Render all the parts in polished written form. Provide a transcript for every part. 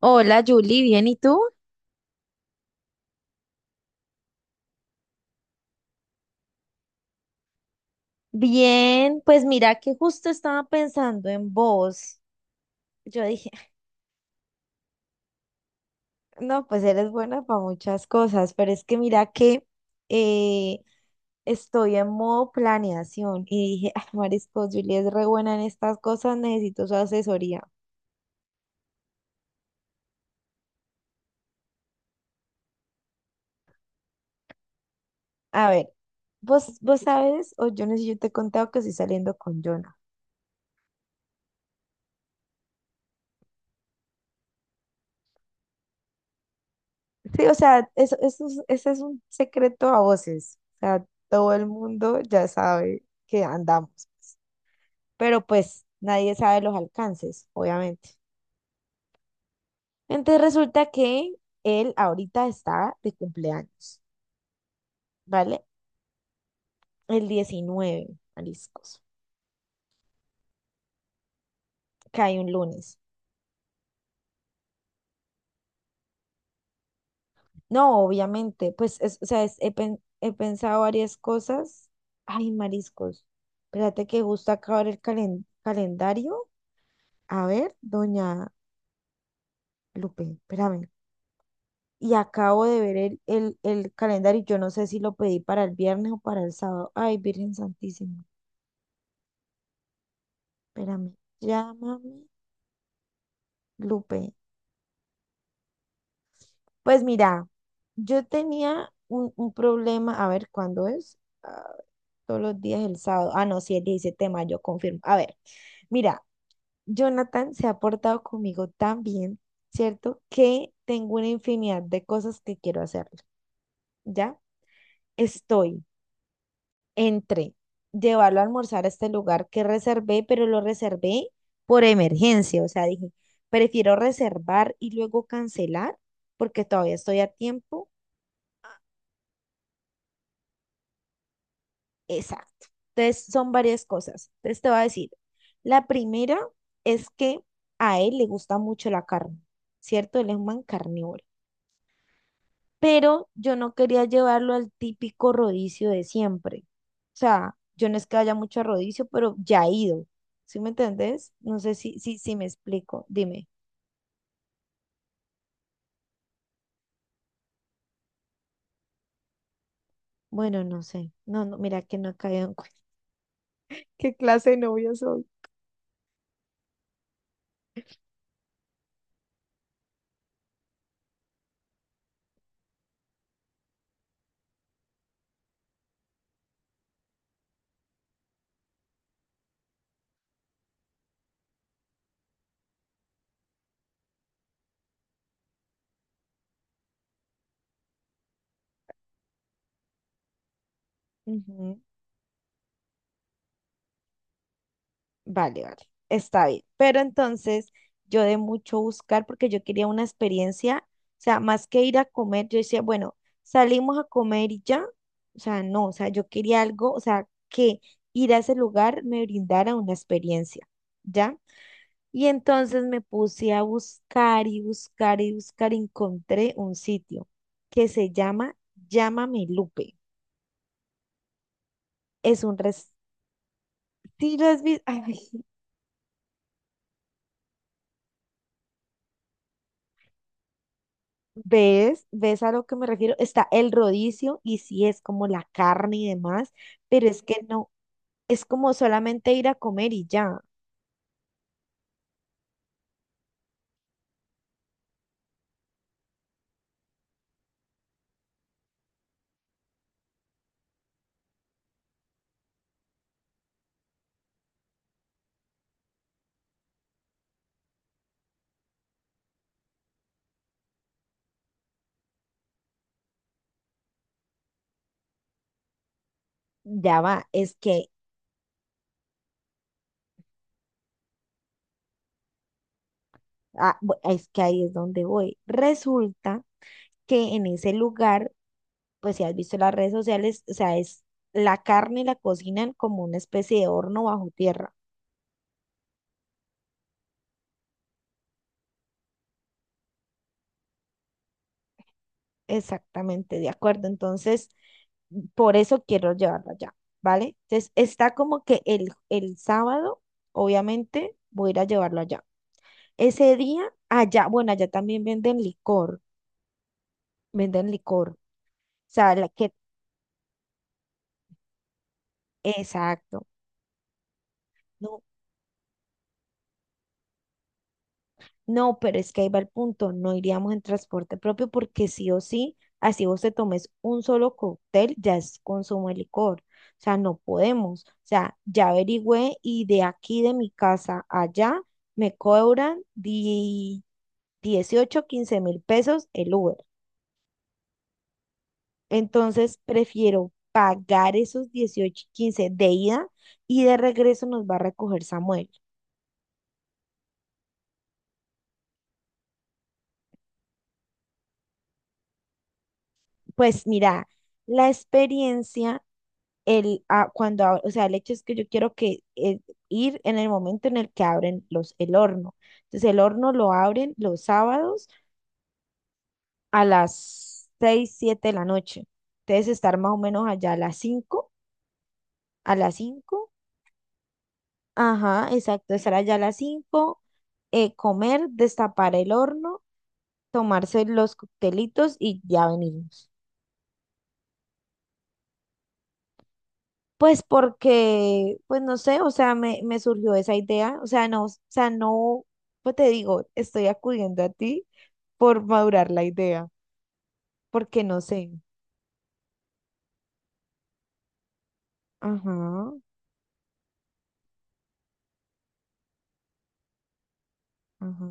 Hola, Julie, ¿bien y tú? Bien, pues mira que justo estaba pensando en vos. Yo dije, no, pues eres buena para muchas cosas, pero es que mira que eh, estoy en modo planeación y dije, ah, Marisco, Julia es re buena en estas cosas, necesito su asesoría. A ver, vos sabes, o yo no sé si yo te he contado que estoy saliendo con Jonah. Sí, o sea, ese es un secreto a voces. O sea, todo el mundo ya sabe que andamos, pero pues nadie sabe los alcances, obviamente. Entonces resulta que él ahorita está de cumpleaños, ¿vale? El 19, mariscos, cae un lunes. No, obviamente, pues, he pensado varias cosas. Ay, mariscos, espérate que justo acaba el calendario. A ver, doña Lupe, espérame. Y acabo de ver el calendario. Yo no sé si lo pedí para el viernes o para el sábado. Ay, Virgen Santísima, espérame, llámame, Lupe. Pues mira, yo tenía un problema, a ver, ¿cuándo es? Ah, todos los días el sábado. Ah, no, sí, el 17 de mayo, confirmo. A ver, mira, Jonathan se ha portado conmigo tan bien, ¿cierto? Que tengo una infinidad de cosas que quiero hacerle, ¿ya? Estoy entre llevarlo a almorzar a este lugar que reservé, pero lo reservé por emergencia. O sea, dije, prefiero reservar y luego cancelar porque todavía estoy a tiempo. Exacto. Entonces, son varias cosas. Entonces, te voy a decir, la primera es que a él le gusta mucho la carne, ¿cierto? Él es un man carnívoro. Pero yo no quería llevarlo al típico rodicio de siempre. O sea, yo no es que haya mucho a rodicio, pero ya he ido. ¿Sí me entendés? No sé si me explico. Dime. Bueno, no sé. No, no, mira que no he caído en cuenta. ¿Qué clase de novia soy? Ujú. Vale, vale, está bien. Pero entonces yo de mucho buscar porque yo quería una experiencia, o sea, más que ir a comer, yo decía, bueno, salimos a comer y ya, o sea, no, o sea, yo quería algo, o sea, que ir a ese lugar me brindara una experiencia, ¿ya? Y entonces me puse a buscar y buscar y buscar, y encontré un sitio que se llama Llámame Lupe. Es un res... Sí, lo has visto. Ay, ¿ves? ¿Ves a lo que me refiero? Está el rodicio y sí es como la carne y demás, pero es que no, es como solamente ir a comer y ya, ya va, es que, es que ahí es donde voy. Resulta que en ese lugar, pues si has visto las redes sociales, o sea, es la carne la cocinan como una especie de horno bajo tierra. Exactamente, de acuerdo. Entonces, por eso quiero llevarlo allá, ¿vale? Entonces, está como que el sábado, obviamente, voy a ir a llevarlo allá. Ese día, allá, bueno, allá también venden licor, venden licor. O sea, la que, exacto. No, no, pero es que ahí va el punto, no iríamos en transporte propio porque sí o sí, así vos te tomes un solo cóctel, ya es consumo de licor. O sea, no podemos. O sea, ya averigüé y de aquí de mi casa allá me cobran 18 15.000 pesos el Uber. Entonces prefiero pagar esos 18 15 de ida y de regreso nos va a recoger Samuel. Pues mira, la experiencia el, a- cuando, ab- o sea, el hecho es que yo quiero que ir en el momento en el que abren el horno. Entonces, el horno lo abren los sábados a las 6 7 de la noche. Entonces, estar más o menos allá a las 5, a las 5 ajá, exacto, estar allá a las 5, comer, destapar el horno, tomarse los coctelitos y ya venimos. Pues porque, pues no sé, o sea, me surgió esa idea, o sea, no, pues te digo, estoy acudiendo a ti por madurar la idea, porque no sé. Ajá, ajá.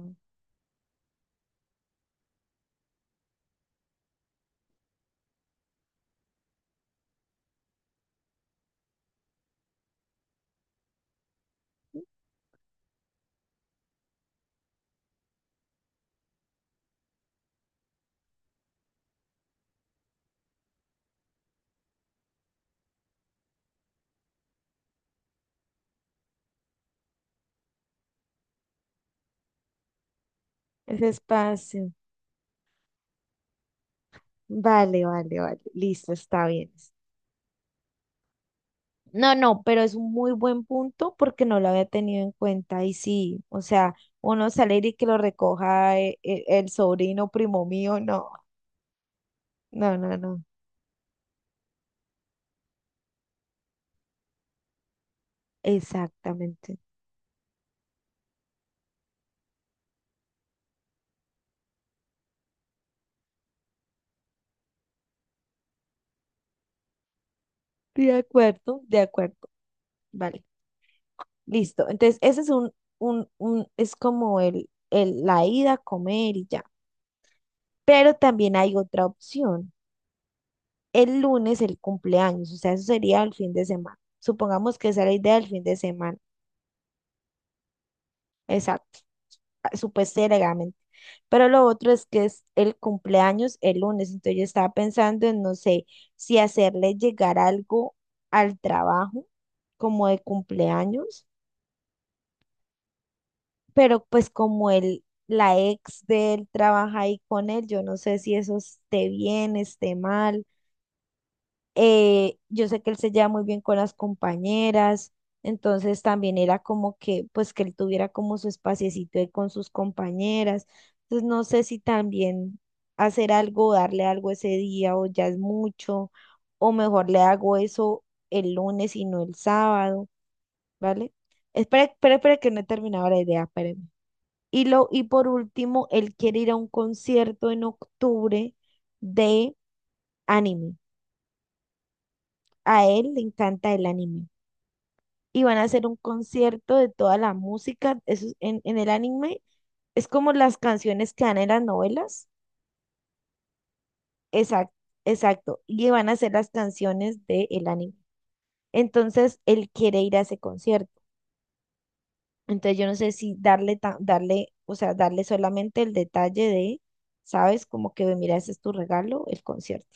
Ese espacio. Vale, vale, vale. Listo, está bien. No, no, pero es un muy buen punto porque no lo había tenido en cuenta. Y sí, o sea, uno salir y que lo recoja el sobrino primo mío, no, no, no, no. Exactamente. De acuerdo, de acuerdo. Vale, listo. Entonces, ese es es como la ida a comer y ya. Pero también hay otra opción. El lunes, el cumpleaños, o sea, eso sería el fin de semana. Supongamos que esa es la idea del fin de semana. Exacto, ah, supuestamente, legalmente. Pero lo otro es que es el cumpleaños el lunes, entonces yo estaba pensando en, no sé, si hacerle llegar algo al trabajo como de cumpleaños, pero pues como el, la ex de él trabaja ahí con él, yo no sé si eso esté bien, esté mal, yo sé que él se lleva muy bien con las compañeras, entonces también era como que, pues que él tuviera como su espaciecito ahí con sus compañeras. Entonces no sé si también hacer algo, darle algo ese día o ya es mucho, o mejor le hago eso el lunes y no el sábado, ¿vale? Espera, espera, espera que no he terminado la idea, espérame. Y, lo, y por último, él quiere ir a un concierto en octubre de anime. A él le encanta el anime. Y van a hacer un concierto de toda la música. Eso es en, el anime es como las canciones que dan en las novelas. Exacto, exacto. Y van a hacer las canciones del anime. Entonces él quiere ir a ese concierto. Entonces yo no sé si darle, darle, o sea, darle solamente el detalle de, ¿sabes? Como que mira, ese es tu regalo, el concierto.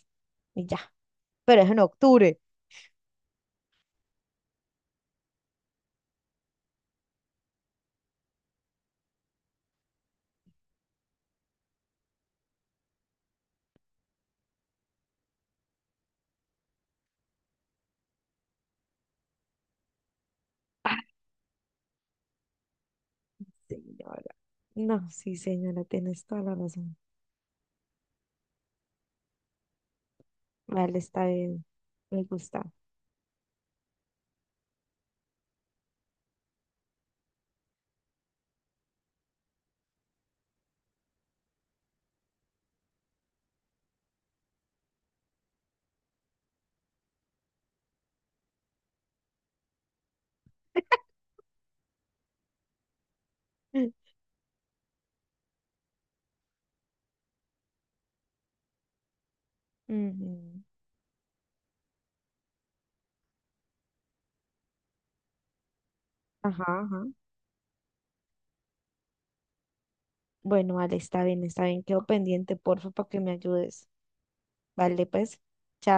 Y ya. Pero es en octubre. Ah, señora. No, sí, señora, tienes toda la razón. Vale, está bien. Me gusta. Ujú. Ajá, ajá. Bueno, vale, está bien, está bien. Quedo pendiente, porfa, para que me ayudes. Vale, pues, chao.